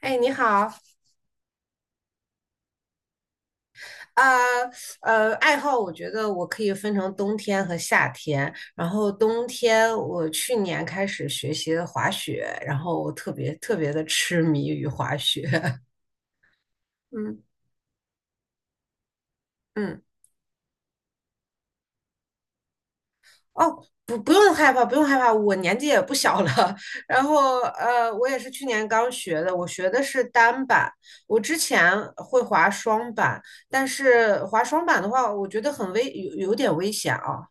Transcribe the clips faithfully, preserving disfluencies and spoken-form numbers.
哎，你好，呃呃，爱好我觉得我可以分成冬天和夏天。然后冬天我去年开始学习了滑雪，然后我特别特别的痴迷于滑雪。嗯嗯，哦，不不用害怕，不用害怕，我年纪也不小了。然后呃，我也是去年刚学的，我学的是单板。我之前会滑双板，但是滑双板的话，我觉得很危，有有点危险啊。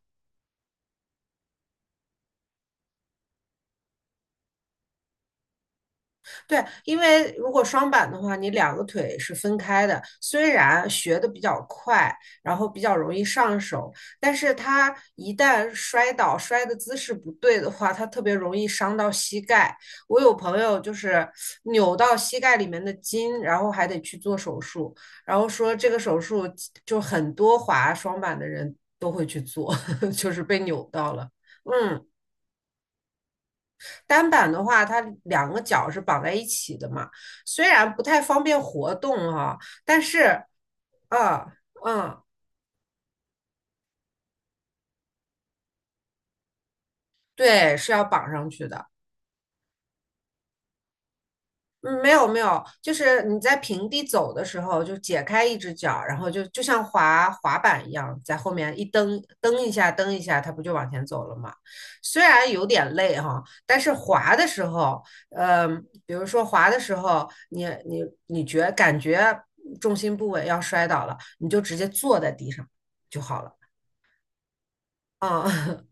对，因为如果双板的话，你两个腿是分开的。虽然学的比较快，然后比较容易上手，但是它一旦摔倒，摔的姿势不对的话，它特别容易伤到膝盖。我有朋友就是扭到膝盖里面的筋，然后还得去做手术，然后说这个手术就很多滑双板的人都会去做，就是被扭到了。嗯。单板的话，它两个脚是绑在一起的嘛，虽然不太方便活动哈、但是，嗯嗯，对，是要绑上去的。嗯，没有没有，就是你在平地走的时候，就解开一只脚，然后就就像滑滑板一样，在后面一蹬蹬一下，蹬一下，它不就往前走了吗？虽然有点累哈，但是滑的时候，呃，比如说滑的时候，你你你觉感觉重心不稳要摔倒了，你就直接坐在地上就好了。啊。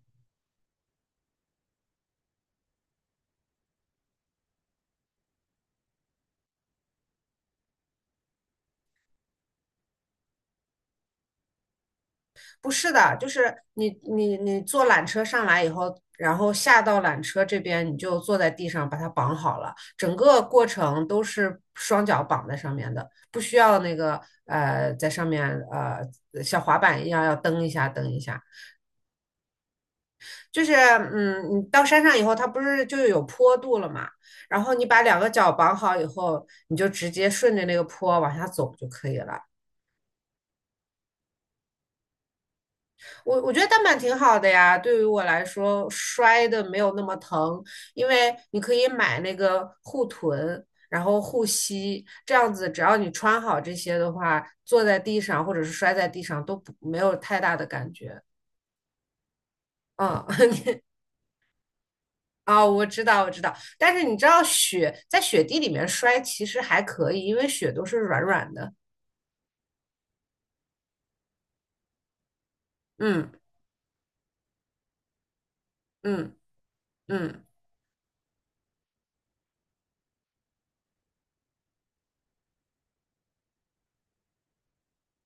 不是的，就是你你你坐缆车上来以后，然后下到缆车这边，你就坐在地上把它绑好了，整个过程都是双脚绑在上面的，不需要那个呃在上面呃像滑板一样要蹬一下蹬一下。就是嗯，你到山上以后，它不是就有坡度了嘛，然后你把两个脚绑好以后，你就直接顺着那个坡往下走就可以了。我我觉得单板挺好的呀，对于我来说，摔的没有那么疼，因为你可以买那个护臀，然后护膝，这样子只要你穿好这些的话，坐在地上或者是摔在地上都不没有太大的感觉。嗯，啊，我知道，我知道，但是你知道雪在雪地里面摔其实还可以，因为雪都是软软的。嗯嗯嗯。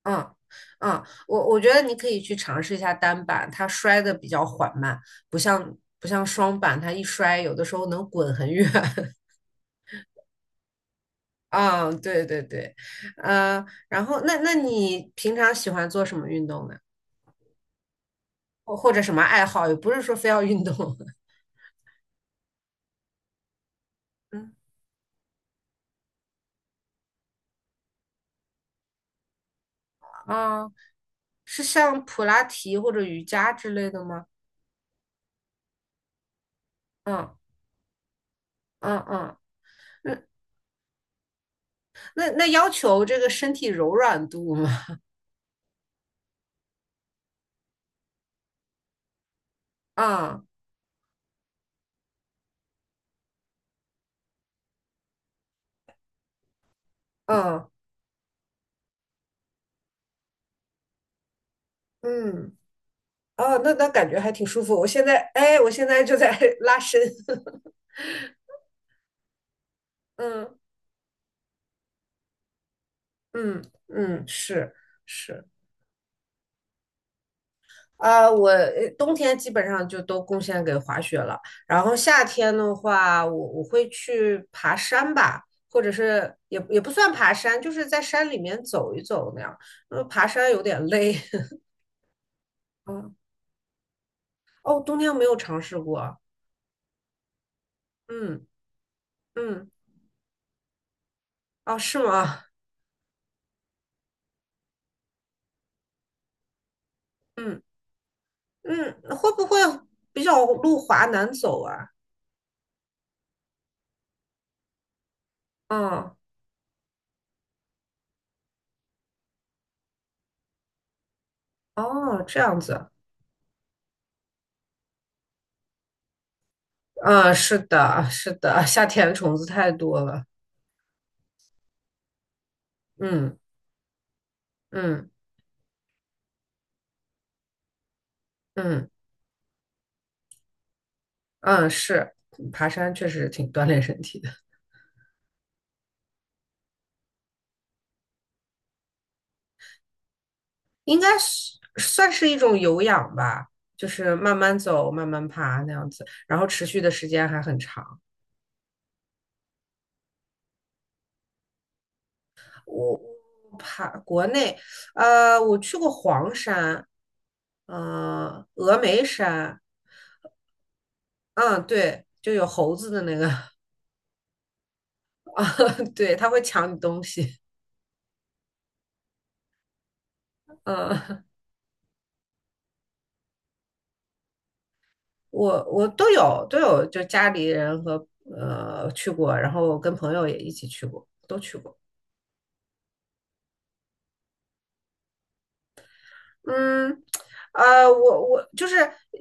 嗯嗯，我我觉得你可以去尝试一下单板，它摔的比较缓慢，不像不像双板，它一摔有的时候能滚很远。啊，对对对，呃，然后那那你平常喜欢做什么运动呢？或或者什么爱好？也不是说非要运动。嗯啊，是像普拉提或者瑜伽之类的吗？嗯嗯嗯，那那那要求这个身体柔软度吗？啊嗯嗯。哦，那那感觉还挺舒服。我现在，哎，我现在就在 拉伸。嗯嗯嗯，是是啊，我呃冬天基本上就都贡献给滑雪了，然后夏天的话，我我会去爬山吧，或者是也也不算爬山，就是在山里面走一走那样。呃，爬山有点累。嗯，哦，冬天没有尝试过。嗯嗯，哦，是吗？嗯嗯，会不会比较路滑难走啊？嗯。哦，这样子，嗯，是的，是的，夏天虫子太多了，嗯嗯嗯嗯，是，爬山确实挺锻炼身体的，应该是算是一种有氧吧，就是慢慢走，慢慢爬那样子，然后持续的时间还很长。我我爬国内，呃，我去过黄山，呃，峨眉山，嗯，对，就有猴子的那个，啊，对，它会抢你东西，嗯。我我都有都有，就家里人和呃去过，然后我跟朋友也一起去过，都去过。嗯，呃，我我就是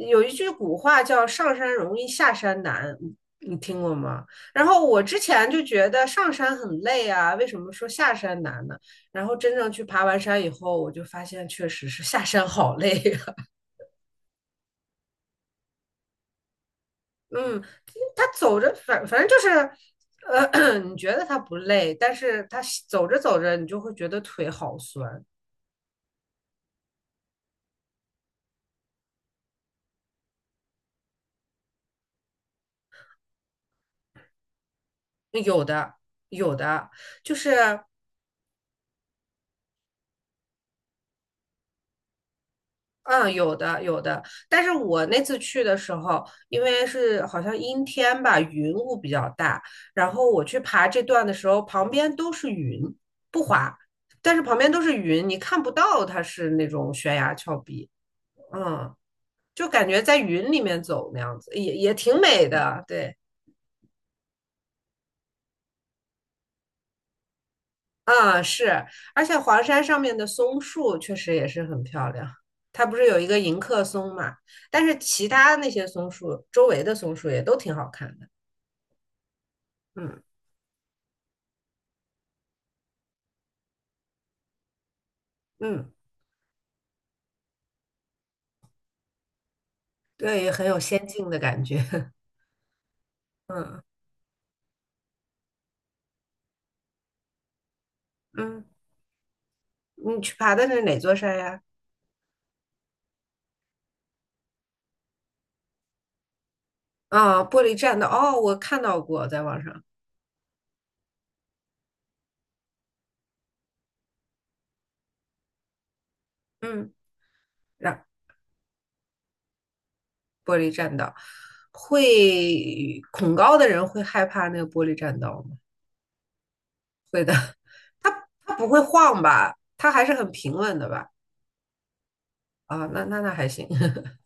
有一句古话叫“上山容易下山难”，你你听过吗？然后我之前就觉得上山很累啊，为什么说下山难呢？然后真正去爬完山以后，我就发现确实是下山好累呀、嗯，他走着反反正就是，呃，你觉得他不累，但是他走着走着，你就会觉得腿好酸。有的，有的，就是，嗯，有的，有的。但是我那次去的时候，因为是好像阴天吧，云雾比较大，然后我去爬这段的时候，旁边都是云，不滑，但是旁边都是云，你看不到它是那种悬崖峭壁。嗯，就感觉在云里面走那样子，也也挺美的。对，啊，是，而且黄山上面的松树确实也是很漂亮。它不是有一个迎客松嘛？但是其他那些松树，周围的松树也都挺好看的。嗯嗯，对，很有仙境的感觉。嗯嗯，你去爬的是哪座山呀？啊，玻璃栈道。哦，我看到过，在网上。嗯，让玻璃栈道，会恐高的人会害怕那个玻璃栈道吗？会的，它它不会晃吧？它还是很平稳的吧？啊，那那那还行。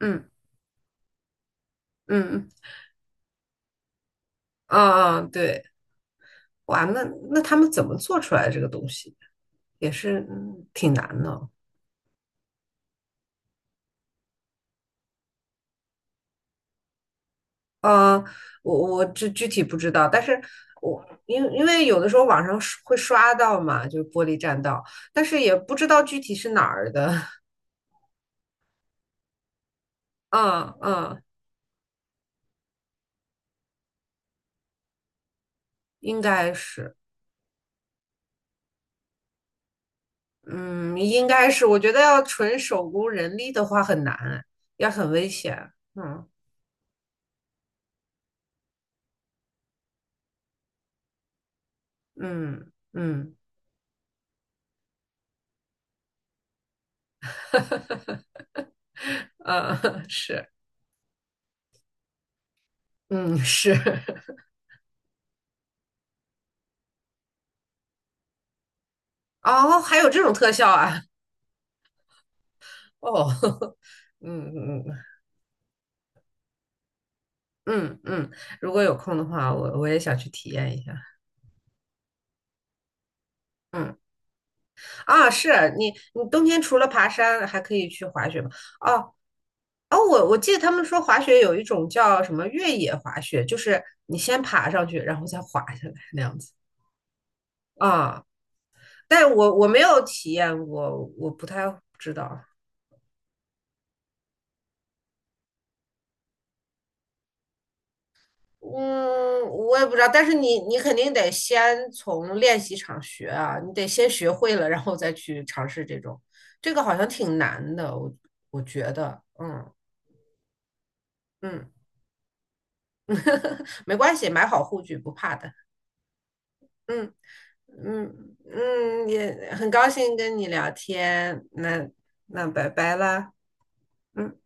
嗯嗯嗯啊，对，哇，那那他们怎么做出来这个东西？也是嗯挺难的。啊。我我这具体不知道，但是我因为因为有的时候网上刷会刷到嘛，就是玻璃栈道，但是也不知道具体是哪儿的。嗯嗯，应该是。嗯，应该是，我觉得要纯手工人力的话很难，也很危险。嗯嗯嗯，呃，是，嗯是，哦，还有这种特效啊，哦，嗯嗯嗯嗯，如果有空的话，我我也想去体验一下。嗯啊，是你你冬天除了爬山，还可以去滑雪吗？哦哦，我我记得他们说滑雪有一种叫什么越野滑雪，就是你先爬上去，然后再滑下来那样子。啊但我我没有体验过，我不太知道。嗯，我也不知道，但是你你肯定得先从练习场学啊，你得先学会了，然后再去尝试这种，这个好像挺难的，我我觉得，嗯嗯，没关系，买好护具不怕的，嗯嗯嗯，也很高兴跟你聊天，那那拜拜啦，嗯。